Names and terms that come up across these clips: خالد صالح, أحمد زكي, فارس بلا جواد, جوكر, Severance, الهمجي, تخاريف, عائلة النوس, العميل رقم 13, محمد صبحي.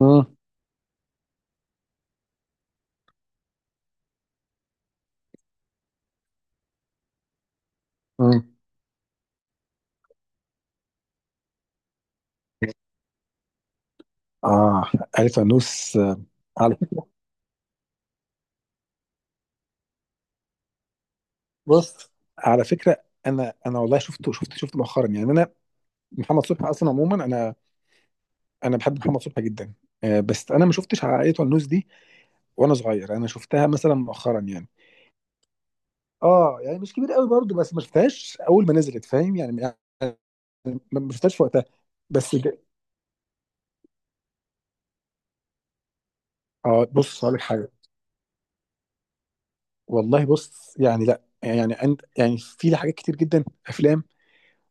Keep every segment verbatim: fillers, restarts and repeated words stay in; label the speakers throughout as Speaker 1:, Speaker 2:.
Speaker 1: مم. مم. اه الفانوس آه، على فكره، بص على فكره. انا انا والله شفته شفته شفته مؤخرا يعني انا محمد صبحي اصلا عموما انا انا بحب محمد صبحي جدا. آه، بس انا ما شفتش عائله النوس دي وانا صغير، انا شفتها مثلا مؤخرا يعني. اه يعني مش كبير قوي برضو، بس ما شفتهاش اول ما نزلت، فاهم يعني. يعني ما ما شفتهاش في وقتها. بس ج- اه بص هقول لك حاجه. والله بص يعني لا يعني انت يعني في حاجات كتير جدا، افلام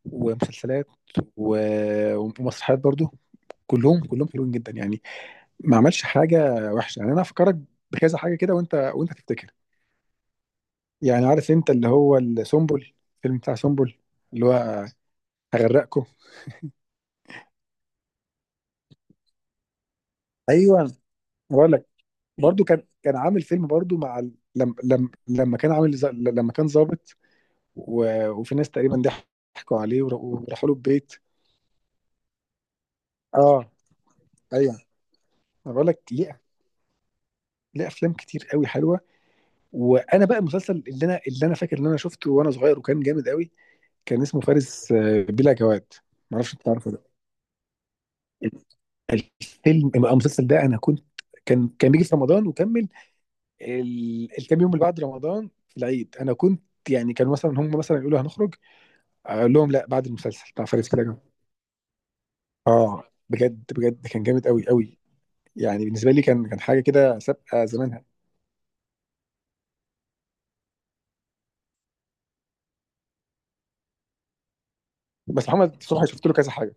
Speaker 1: ومسلسلات و- ومسرحيات برضو. كلهم كلهم حلوين جدا يعني. ما عملش حاجه وحشه يعني. انا افكرك بكذا حاجه كده وانت وانت تفتكر. يعني عارف انت اللي هو السنبل، الفيلم بتاع سنبل اللي هو هغرقكم. ايوه بقول لك. برضو كان كان عامل فيلم برضو مع ال- لم لم لما كان عامل ز- لما كان ظابط و- وفي ناس تقريبا ضحكوا عليه ور- وراحوا له البيت. اه ايوه انا بقول لك ليه. ليه؟ افلام كتير قوي حلوه. وانا بقى المسلسل اللي انا اللي انا فاكر ان انا شفته وانا صغير وكان جامد قوي، كان اسمه فارس آه، بلا جواد. ما اعرفش انت تعرفه ده؟ الفيلم المسلسل ده انا كنت، كان كان بيجي في رمضان وكمل ال- الكام يوم اللي بعد رمضان في العيد. انا كنت يعني كانوا مثلا هم مثلا يقولوا هنخرج، اقول لهم لا، بعد المسلسل بتاع فارس بلا جواد. اه بجد بجد كان جامد قوي قوي. يعني بالنسبه لي كان كان حاجه كده سابقه زمانها. بس محمد صبحي شفت له كذا حاجه.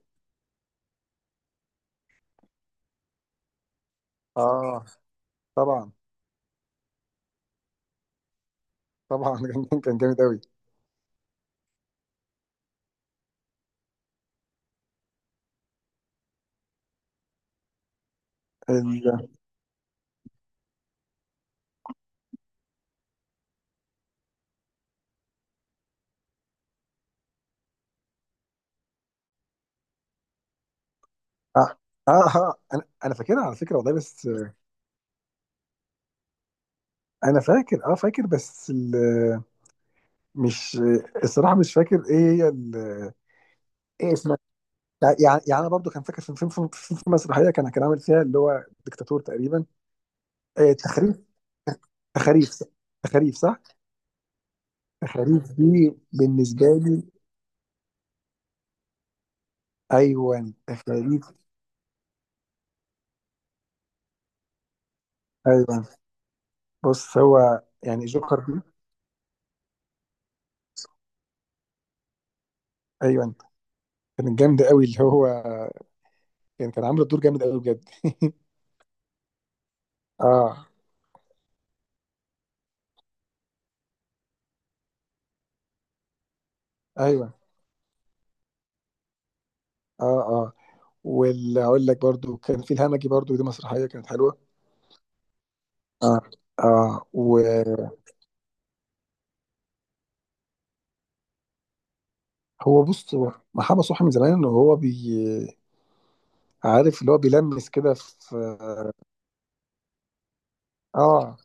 Speaker 1: اه طبعا. طبعا كان كان جامد قوي. اه اه آه، انا انا فاكرها على فكره والله. بس انا فاكر، اه فاكر بس ال- مش الصراحه مش فاكر ايه هي ال- ايه اسمها. يعني يعني انا برضو كان فاكر في فيلم في في- في مسرحيه كان كان عامل فيها اللي هو ديكتاتور تقريبا. إيه، تخريف؟ تخاريف صح؟ تخاريف صح. تخاريف دي بالنسبه لي. ايوه تخاريف. ايوه بص هو يعني جوكر دي. ايوه كانت جامده قوي اللي هو، كان كان عامل الدور جامد قوي بجد. اه ايوه. اه اه واللي هقول لك برضو كان في الهمجي برضو، دي مسرحيه كانت حلوه. اه اه. وهو بص، هو محمد صبحي من زمان انه هو بي عارف اللي هو بيلمس كده في. اه.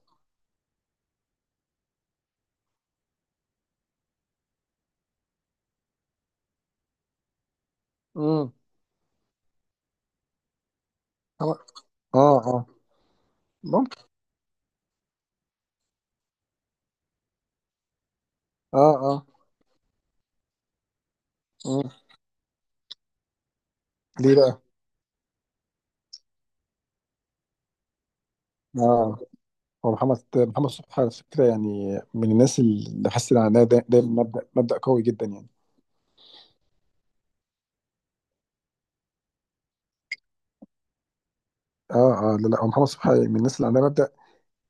Speaker 1: امم. اه اه ممكن. اه اه. مم. ليه بقى؟ اه. هو محمد محمد صبحي على فكره يعني من الناس اللي حاسس ان عندها دا- دايما مبدا مبدا قوي جدا يعني. اه اه لا لا، هو محمد صبحي من الناس اللي عندها مبدا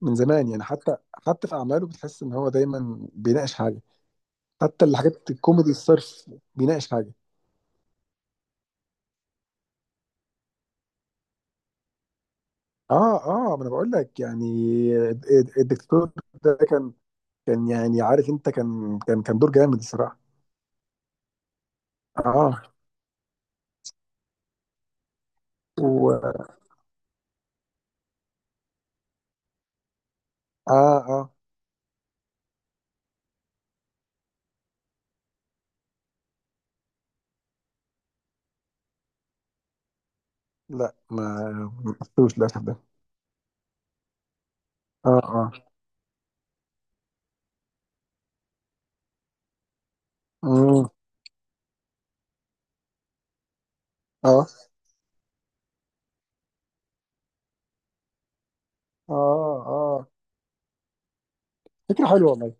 Speaker 1: من زمان يعني. حتى حتى في اعماله بتحس ان هو دايما بيناقش حاجه، حتى الحاجات الكوميدي الصرف بيناقش حاجه. اه اه ما انا بقول لك يعني، الد- الد- الدكتور ده كان كان يعني، عارف انت، كان كان كان دور جامد الصراحه. اه. و اه. اه لا، ما ما شفتوش للاسف ده. اه اه. مم. اه اه اه. فكره حلوه والله.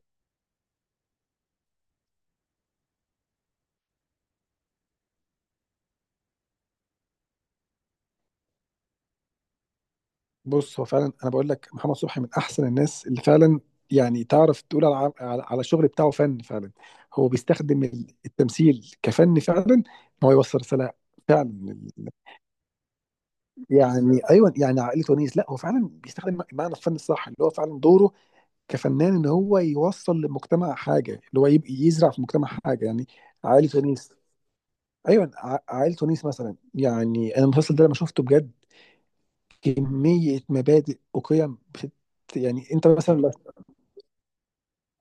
Speaker 1: بص هو فعلا انا بقول لك، محمد صبحي من احسن الناس اللي فعلا يعني تعرف تقول على على على الشغل بتاعه فن فعلا. هو بيستخدم ال- التمثيل كفن فعلا، ان هو يوصل رساله فعلا لل- يعني. ايوه يعني عائله ونيس، لا هو فعلا بيستخدم معنى الفن الصح، اللي هو فعلا دوره كفنان ان هو يوصل للمجتمع حاجه، اللي هو يبقى يزرع في المجتمع حاجه يعني. عائله ونيس. ايوه، ع- عائله ونيس مثلا. يعني انا المسلسل ده لما شفته بجد، كميه مبادئ وقيم بت- يعني انت مثلا.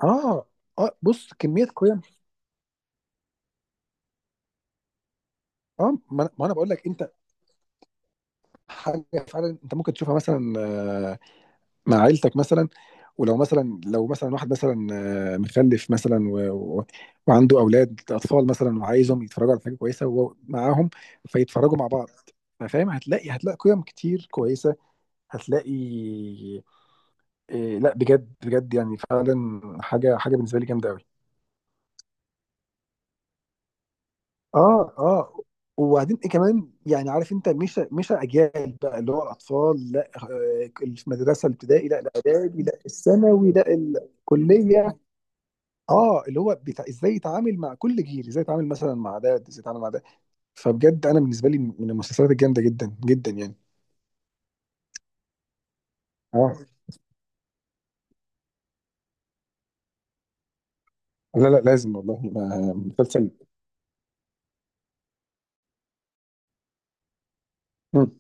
Speaker 1: اه اه بص، كميه قيم. اه ما انا ما أنا بقول لك انت، حاجه فعلا انت ممكن تشوفها مثلا آه، مع عيلتك مثلا. ولو مثلا، لو مثلا واحد مثلا آه، مخلف مثلا و... و... وعنده اولاد اطفال مثلا، وعايزهم يتفرجوا على حاجه كويسه وهو معاهم، فيتفرجوا مع بعض. فاهم؟ هتلاقي هتلاقي قيم كتير كويسه، هتلاقي إيه، لا بجد بجد يعني فعلا حاجه حاجه بالنسبه لي جامده قوي. اه اه. وبعدين ايه كمان، يعني عارف انت، مش مش اجيال بقى اللي هو الاطفال، لا آه، المدرسه الابتدائي، لا الاعدادي، لا الثانوي، لا الكليه. اه، اللي هو بتاع ازاي يتعامل مع كل جيل، ازاي يتعامل مثلا مع ده، ازاي يتعامل مع ده. فبجد انا بالنسبه لي من المسلسلات الجامده جدا جدا يعني. اه. لا لا لازم والله. ما- مسلسل. مم.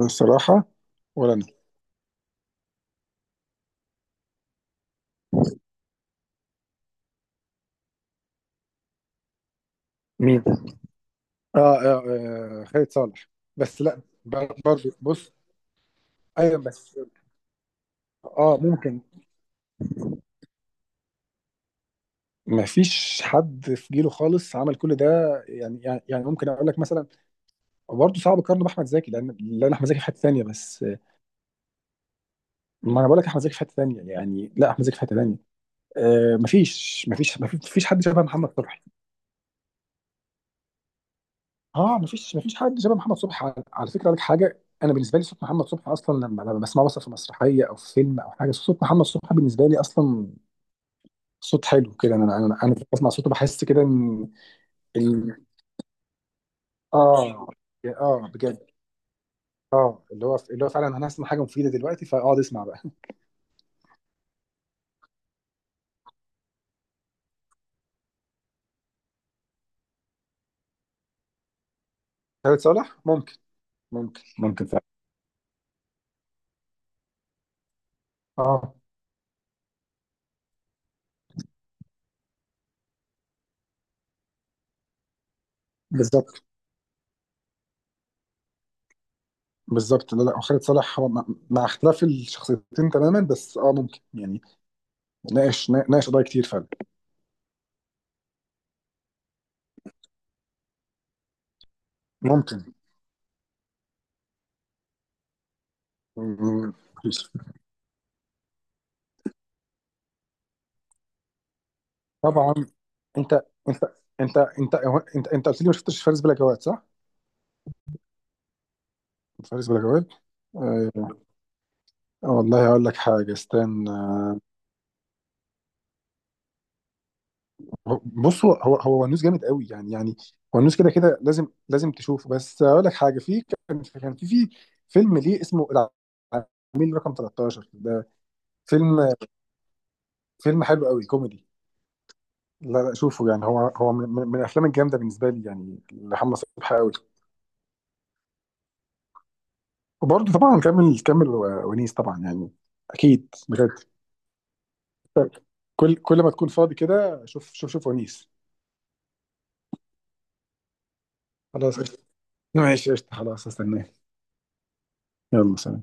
Speaker 1: الصراحه ولا انا. مين؟ اه, آه, آه خالد صالح. بس لا بر- برضه بص، ايوه بس اه ممكن. ما فيش حد في جيله خالص عمل كل ده. يعني يعني يعني ممكن اقول لك مثلا، برضه صعب اقارنه باحمد زكي، لان لان احمد زكي في حته ثانيه. بس ما انا بقول لك، احمد زكي في حته ثانيه يعني، لا احمد زكي في حته ثانيه. آه، ما فيش ما فيش ما فيش ما فيش حد شبه محمد صبحي. اه ما فيش ما فيش حد شبه محمد صبحي. على, على فكره لك حاجه، انا بالنسبه لي صوت محمد صبحي اصلا، لما لما بسمعه مثلا في مسرحيه او في فيلم او حاجه، صوت محمد صبحي بالنسبه لي اصلا صوت حلو كده. انا انا انا أنا بسمع صوته بحس كده ان ال- اه اه بجد. اه اللي هو اللي هو فعلا، انا هسمع حاجه مفيده دلوقتي فاقعد اسمع بقى. خالد صالح ممكن. ممكن ممكن فعلا. اه بالظبط. بالظبط. لا لا هو خالد صالح هو مع مع اختلاف الشخصيتين تماما، بس اه ممكن يعني. ناقش ناقش قضايا كتير فعلا. ممكن. مم. طبعا. انت انت انت انت انت انت قلت لي ما شفتش فارس بلا جواد صح؟ فارس بلا جواد آه. والله هقول لك حاجه، استنى. هو- بص هو هو هو ونوس جامد قوي يعني. يعني ونوس كده كده لازم لازم تشوفه. بس اقول لك حاجه، في، كان كان في في فيلم ليه اسمه العميل رقم تلتاشر ده، فيلم فيلم حلو قوي كوميدي. لا لا شوفه يعني، هو هو من, من من الافلام الجامده بالنسبه لي يعني، لمحمد صبحي قوي. وبرضه طبعا كمل، كمل و- ونيس طبعا يعني. اكيد بجد. كل كل ما تكون فاضي كده، شوف شوف شوف ونيس. خلاص قشطة. ماشي قشطة خلاص، استناه. يلا سلام.